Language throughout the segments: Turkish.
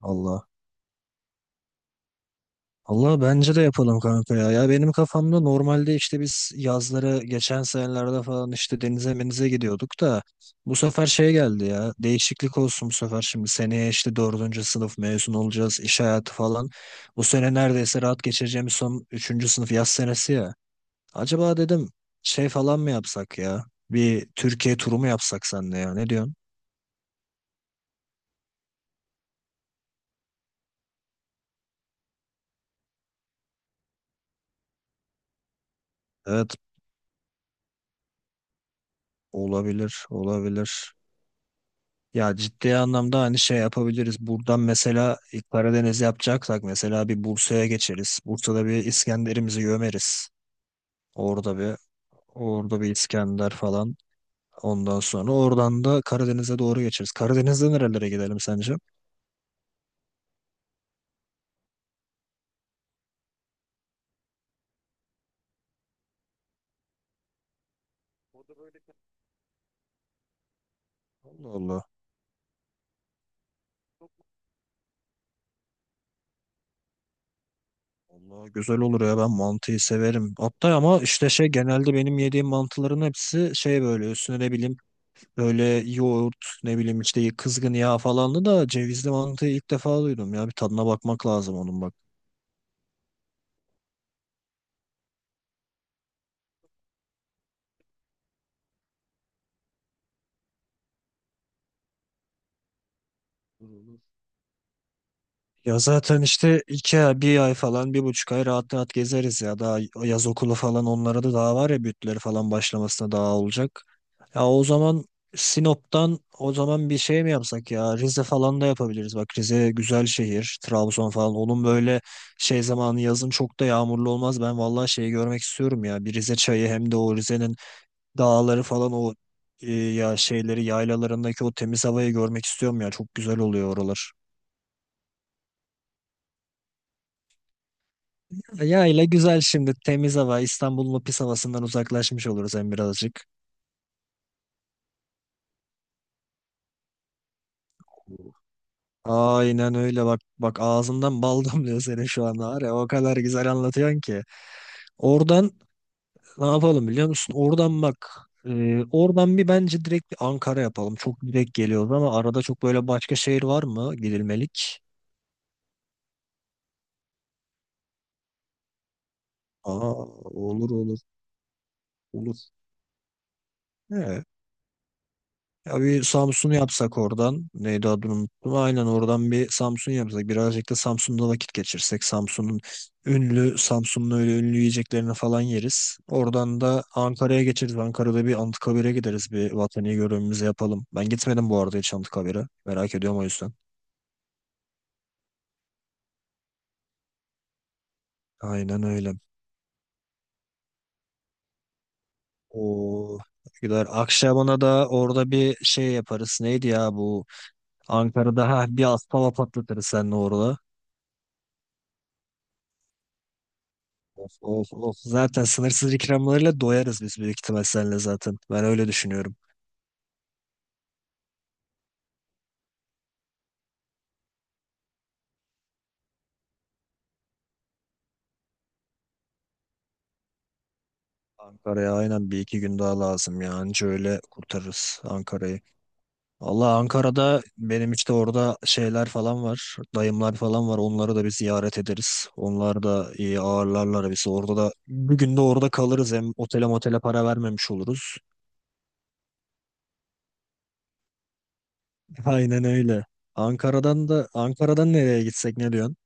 Allah. Allah bence de yapalım kanka ya. Ya benim kafamda normalde işte biz yazları geçen senelerde falan işte denize menize gidiyorduk da bu sefer şey geldi ya. Değişiklik olsun bu sefer şimdi. Seneye işte dördüncü sınıf mezun olacağız. İş hayatı falan. Bu sene neredeyse rahat geçireceğimiz son üçüncü sınıf yaz senesi ya. Acaba dedim şey falan mı yapsak ya? Bir Türkiye turu mu yapsak senle ya? Ne diyorsun? Evet, olabilir olabilir. Ya ciddi anlamda hani şey yapabiliriz. Buradan mesela ilk Karadeniz yapacaksak mesela bir Bursa'ya geçeriz. Bursa'da bir İskender'imizi gömeriz. Orada bir İskender falan. Ondan sonra oradan da Karadeniz'e doğru geçeriz. Karadeniz'de nerelere gidelim sence? Allah Allah. Allah güzel olur ya, ben mantıyı severim. Hatta ama işte şey, genelde benim yediğim mantıların hepsi şey böyle üstüne ne bileyim böyle yoğurt, ne bileyim işte kızgın yağ falanlı da cevizli mantıyı ilk defa duydum ya, bir tadına bakmak lazım onun bak. Olur, olur. Ya zaten işte iki ay, bir ay falan, bir buçuk ay rahat rahat gezeriz ya. Daha yaz okulu falan onlara da daha var ya, bütleri falan başlamasına daha olacak. Ya o zaman Sinop'tan o zaman bir şey mi yapsak ya? Rize falan da yapabiliriz. Bak Rize güzel şehir. Trabzon falan. Onun böyle şey zamanı yazın çok da yağmurlu olmaz. Ben vallahi şeyi görmek istiyorum ya. Bir Rize çayı, hem de o Rize'nin dağları falan, o ya şeyleri yaylalarındaki o temiz havayı görmek istiyorum ya. Çok güzel oluyor oralar. Ya ile güzel şimdi, temiz hava, İstanbul'un o pis havasından uzaklaşmış oluruz hem birazcık. Aynen öyle, bak bak ağzından bal damlıyor senin şu anda, var ya o kadar güzel anlatıyorsun ki. Oradan ne yapalım biliyor musun? Oradan bak, oradan bir bence direkt bir Ankara yapalım. Çok direkt geliyoruz ama arada çok böyle başka şehir var mı gidilmelik? Aa, olur olur olur. He, ya bir Samsun yapsak oradan. Neydi adını unuttum. Aynen oradan bir Samsun yapsak. Birazcık da Samsun'da vakit geçirsek. Samsun'un ünlü, Samsun'un öyle ünlü yiyeceklerini falan yeriz. Oradan da Ankara'ya geçeriz. Ankara'da bir Anıtkabir'e gideriz. Bir vatani görevimizi yapalım. Ben gitmedim bu arada hiç Anıtkabir'e. Merak ediyorum o yüzden. Aynen öyle. O gider. Akşaban'a da orada bir şey yaparız. Neydi ya bu? Ankara'da ha, bir aspava patlatırız seninle orada. Of, of, of. Zaten sınırsız ikramlarıyla doyarız biz büyük ihtimal seninle zaten. Ben öyle düşünüyorum. Ankara'ya aynen bir iki gün daha lazım ya. Anca öyle kurtarırız Ankara'yı. Allah, Ankara'da benim işte orada şeyler falan var. Dayımlar falan var. Onları da bir ziyaret ederiz. Onlar da iyi ağırlarlar bizi. Orada da bir gün de orada kalırız. Hem otele motele para vermemiş oluruz. Aynen öyle. Ankara'dan da, Ankara'dan nereye gitsek ne diyorsun?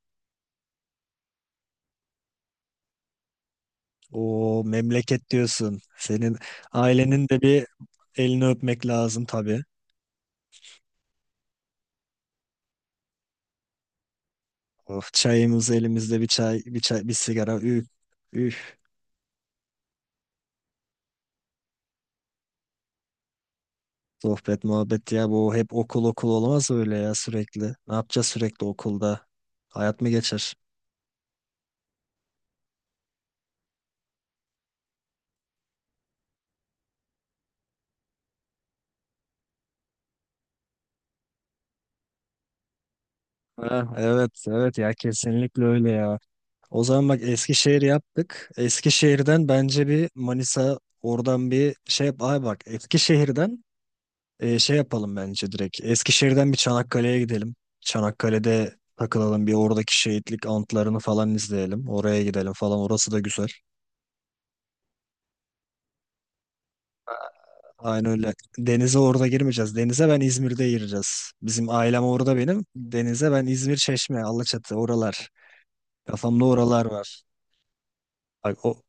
O memleket diyorsun. Senin ailenin de bir elini öpmek lazım tabii. Of, çayımız elimizde, bir çay, bir çay, bir sigara. Üf, üf. Sohbet, muhabbet ya, bu hep okul okul olmaz öyle ya sürekli. Ne yapacağız sürekli okulda? Hayat mı geçer? Ha, evet, evet ya, kesinlikle öyle ya. O zaman bak Eskişehir yaptık. Eskişehir'den bence bir Manisa, oradan bir şey yap. Ay bak Eskişehir'den şey yapalım bence direkt. Eskişehir'den bir Çanakkale'ye gidelim. Çanakkale'de takılalım, bir oradaki şehitlik antlarını falan izleyelim. Oraya gidelim falan. Orası da güzel. Aynı öyle. Denize orada girmeyeceğiz. Denize ben İzmir'de gireceğiz. Bizim ailem orada benim. Denize ben İzmir, Çeşme, Alaçatı, oralar. Kafamda oralar var. Bak o,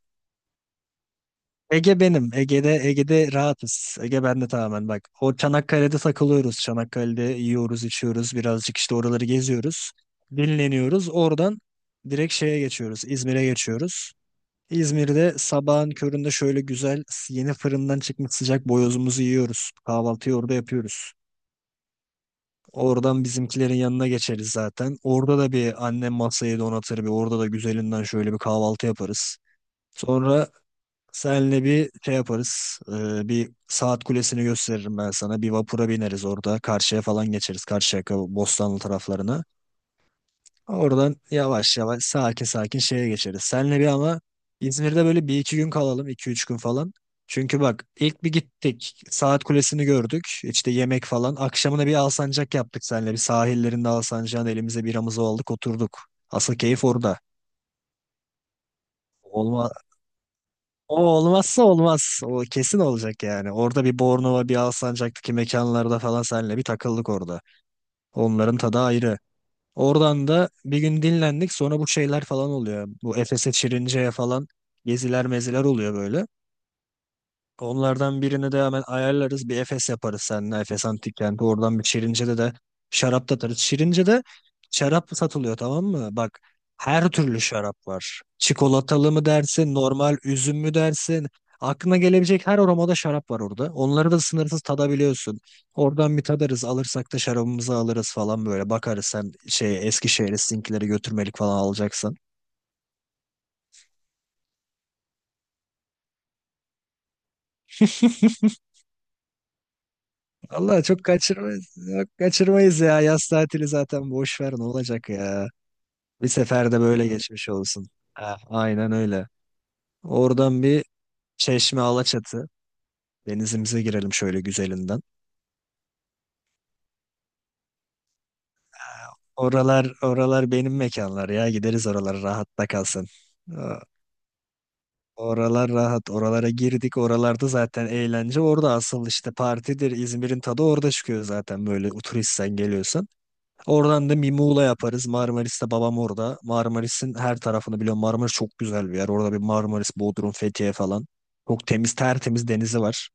Ege benim. Ege'de Ege'de rahatız. Ege bende tamamen bak. O Çanakkale'de takılıyoruz. Çanakkale'de yiyoruz, içiyoruz. Birazcık işte oraları geziyoruz. Dinleniyoruz. Oradan direkt şeye geçiyoruz. İzmir'e geçiyoruz. İzmir'de sabahın köründe şöyle güzel, yeni fırından çıkmış sıcak boyozumuzu yiyoruz. Kahvaltıyı orada yapıyoruz. Oradan bizimkilerin yanına geçeriz zaten. Orada da bir annem masayı donatır, bir orada da güzelinden şöyle bir kahvaltı yaparız. Sonra senle bir şey yaparız. Bir saat kulesini gösteririm ben sana. Bir vapura bineriz orada. Karşıya falan geçeriz. Karşıyaka, Bostanlı taraflarına. Oradan yavaş yavaş sakin sakin şeye geçeriz. Senle bir ama İzmir'de böyle bir iki gün kalalım. İki üç gün falan. Çünkü bak ilk bir gittik. Saat kulesini gördük. İşte yemek falan. Akşamına bir alsancak yaptık senle. Bir sahillerinde alsancağın elimize biramızı aldık oturduk. Asıl keyif orada. O olmazsa olmaz. O kesin olacak yani. Orada bir Bornova, bir Alsancak'taki mekanlarda falan seninle bir takıldık orada. Onların tadı ayrı. Oradan da bir gün dinlendik. Sonra bu şeyler falan oluyor. Bu Efes'e, Çirince'ye falan geziler meziler oluyor böyle. Onlardan birini de hemen ayarlarız. Bir Efes yaparız seninle. Efes Antik Kenti. Oradan bir Şirince'de de şarap tatarız. Şirince'de şarap satılıyor, tamam mı? Bak her türlü şarap var. Çikolatalı mı dersin, normal üzüm mü dersin? Aklına gelebilecek her aromada şarap var orada. Onları da sınırsız tadabiliyorsun. Oradan bir tadarız. Alırsak da şarabımızı alırız falan böyle. Bakarız sen şey Eskişehir'e sizinkileri götürmelik falan alacaksan. Allah çok kaçırmayız. Yok, kaçırmayız ya. Yaz tatili zaten, boş ver ne olacak ya. Bir seferde böyle geçmiş olsun. Ah, aynen öyle. Oradan bir Çeşme, Alaçatı. Denizimize girelim şöyle güzelinden. Ah, oralar oralar benim mekanlar ya. Gideriz oralara, rahatta kalsın. Aa, oralar rahat. Oralara girdik. Oralarda zaten eğlence. Orada asıl işte partidir. İzmir'in tadı orada çıkıyor zaten, böyle turisten geliyorsan. Oradan da bir Muğla yaparız. Marmaris'te babam orada. Marmaris'in her tarafını biliyorum. Marmaris çok güzel bir yer. Orada bir Marmaris, Bodrum, Fethiye falan. Çok temiz, tertemiz denizi var.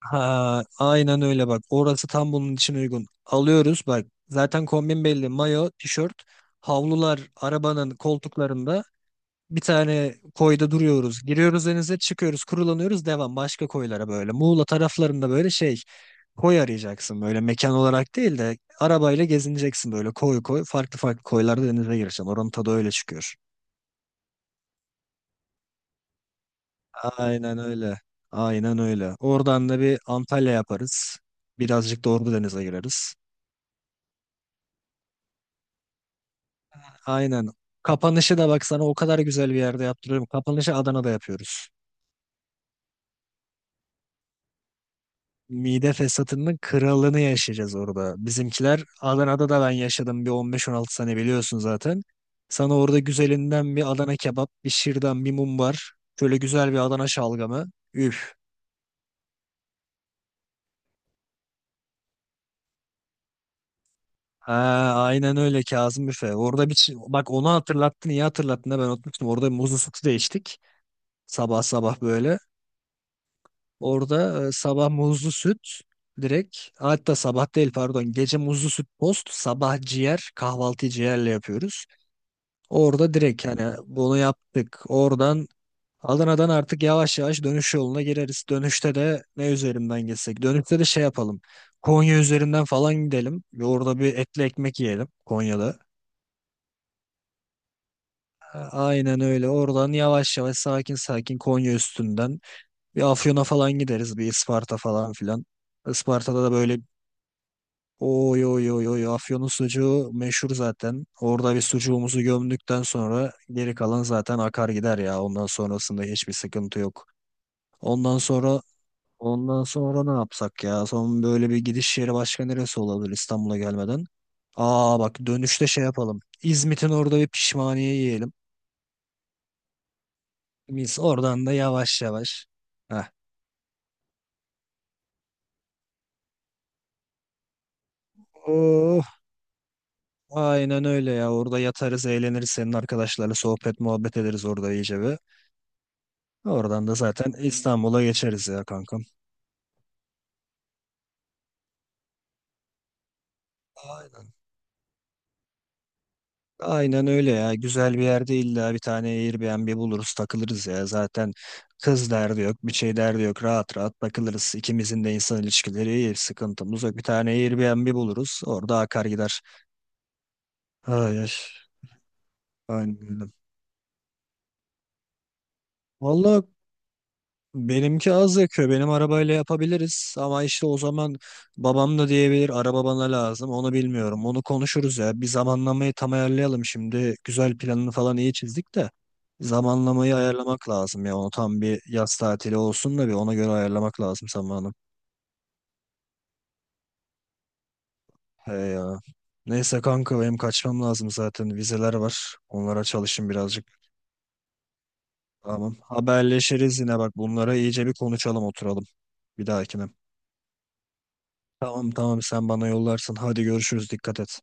Ha, aynen öyle bak. Orası tam bunun için uygun. Alıyoruz bak. Zaten kombin belli. Mayo, tişört, havlular arabanın koltuklarında. Bir tane koyda duruyoruz. Giriyoruz denize, çıkıyoruz, kurulanıyoruz. Devam başka koylara böyle. Muğla taraflarında böyle şey. Koy arayacaksın böyle mekan olarak değil de arabayla gezineceksin, böyle koy koy farklı farklı koylarda denize gireceksin. Oranın tadı öyle çıkıyor. Aynen öyle. Aynen öyle. Oradan da bir Antalya yaparız. Birazcık da Ordu denize gireriz. Aynen. Kapanışı da bak, sana o kadar güzel bir yerde yaptırıyorum. Kapanışı Adana'da yapıyoruz. Mide fesatının kralını yaşayacağız orada. Bizimkiler Adana'da da ben yaşadım bir 15-16 sene, biliyorsun zaten. Sana orada güzelinden bir Adana kebap, bir şırdan, bir mumbar. Şöyle güzel bir Adana şalgamı. Üf. Ha, aynen öyle, Kazım Büfe. Orada bir bak onu hatırlattın, iyi hatırlattın da ben unutmuştum. Orada muzlu sütü de içtik. Sabah sabah böyle. Orada sabah muzlu süt direkt, hatta sabah değil, pardon, gece muzlu süt, post sabah ciğer, kahvaltıyı ciğerle yapıyoruz. Orada direkt hani bunu yaptık. Oradan Adana'dan artık yavaş yavaş dönüş yoluna gireriz. Dönüşte de ne üzerinden geçsek? Dönüşte de şey yapalım. Konya üzerinden falan gidelim. Ve orada bir etli ekmek yiyelim Konya'da. A- Aynen öyle. Oradan yavaş yavaş sakin sakin Konya üstünden bir Afyon'a falan gideriz. Bir Isparta falan filan. Isparta'da da böyle, oy oy oy oy Afyon'un sucuğu meşhur zaten. Orada bir sucuğumuzu gömdükten sonra geri kalan zaten akar gider ya. Ondan sonrasında hiçbir sıkıntı yok. Ondan sonra ne yapsak ya? Son böyle bir gidiş yeri başka neresi olabilir İstanbul'a gelmeden? Aa bak, dönüşte şey yapalım. İzmit'in orada bir pişmaniye yiyelim. Biz oradan da yavaş yavaş. Heh. Oh, aynen öyle ya. Orada yatarız, eğleniriz. Senin arkadaşlarla sohbet muhabbet ederiz orada iyice bir. Oradan da zaten İstanbul'a geçeriz ya kankam. Aynen. Aynen öyle ya. Güzel bir yerde illa bir tane Airbnb buluruz, takılırız ya. Zaten kız derdi yok, bir şey derdi yok. Rahat rahat takılırız. İkimizin de insan ilişkileri iyi. Sıkıntımız yok. Bir tane Airbnb buluruz. Orada akar gider. Ay, ay. Aynen öyle. Vallahi benimki az yakıyor. Benim arabayla yapabiliriz ama işte o zaman babam da diyebilir araba bana lazım. Onu bilmiyorum. Onu konuşuruz ya. Bir zamanlamayı tam ayarlayalım şimdi. Güzel planını falan iyi çizdik de zamanlamayı ayarlamak lazım ya. Onu tam bir yaz tatili olsun da bir ona göre ayarlamak lazım zamanı. He ya. Neyse kanka benim kaçmam lazım zaten. Vizeler var. Onlara çalışayım birazcık. Tamam. Haberleşiriz yine, bak bunlara iyice bir konuşalım, oturalım bir dahakine. Tamam tamam, sen bana yollarsın. Hadi görüşürüz. Dikkat et.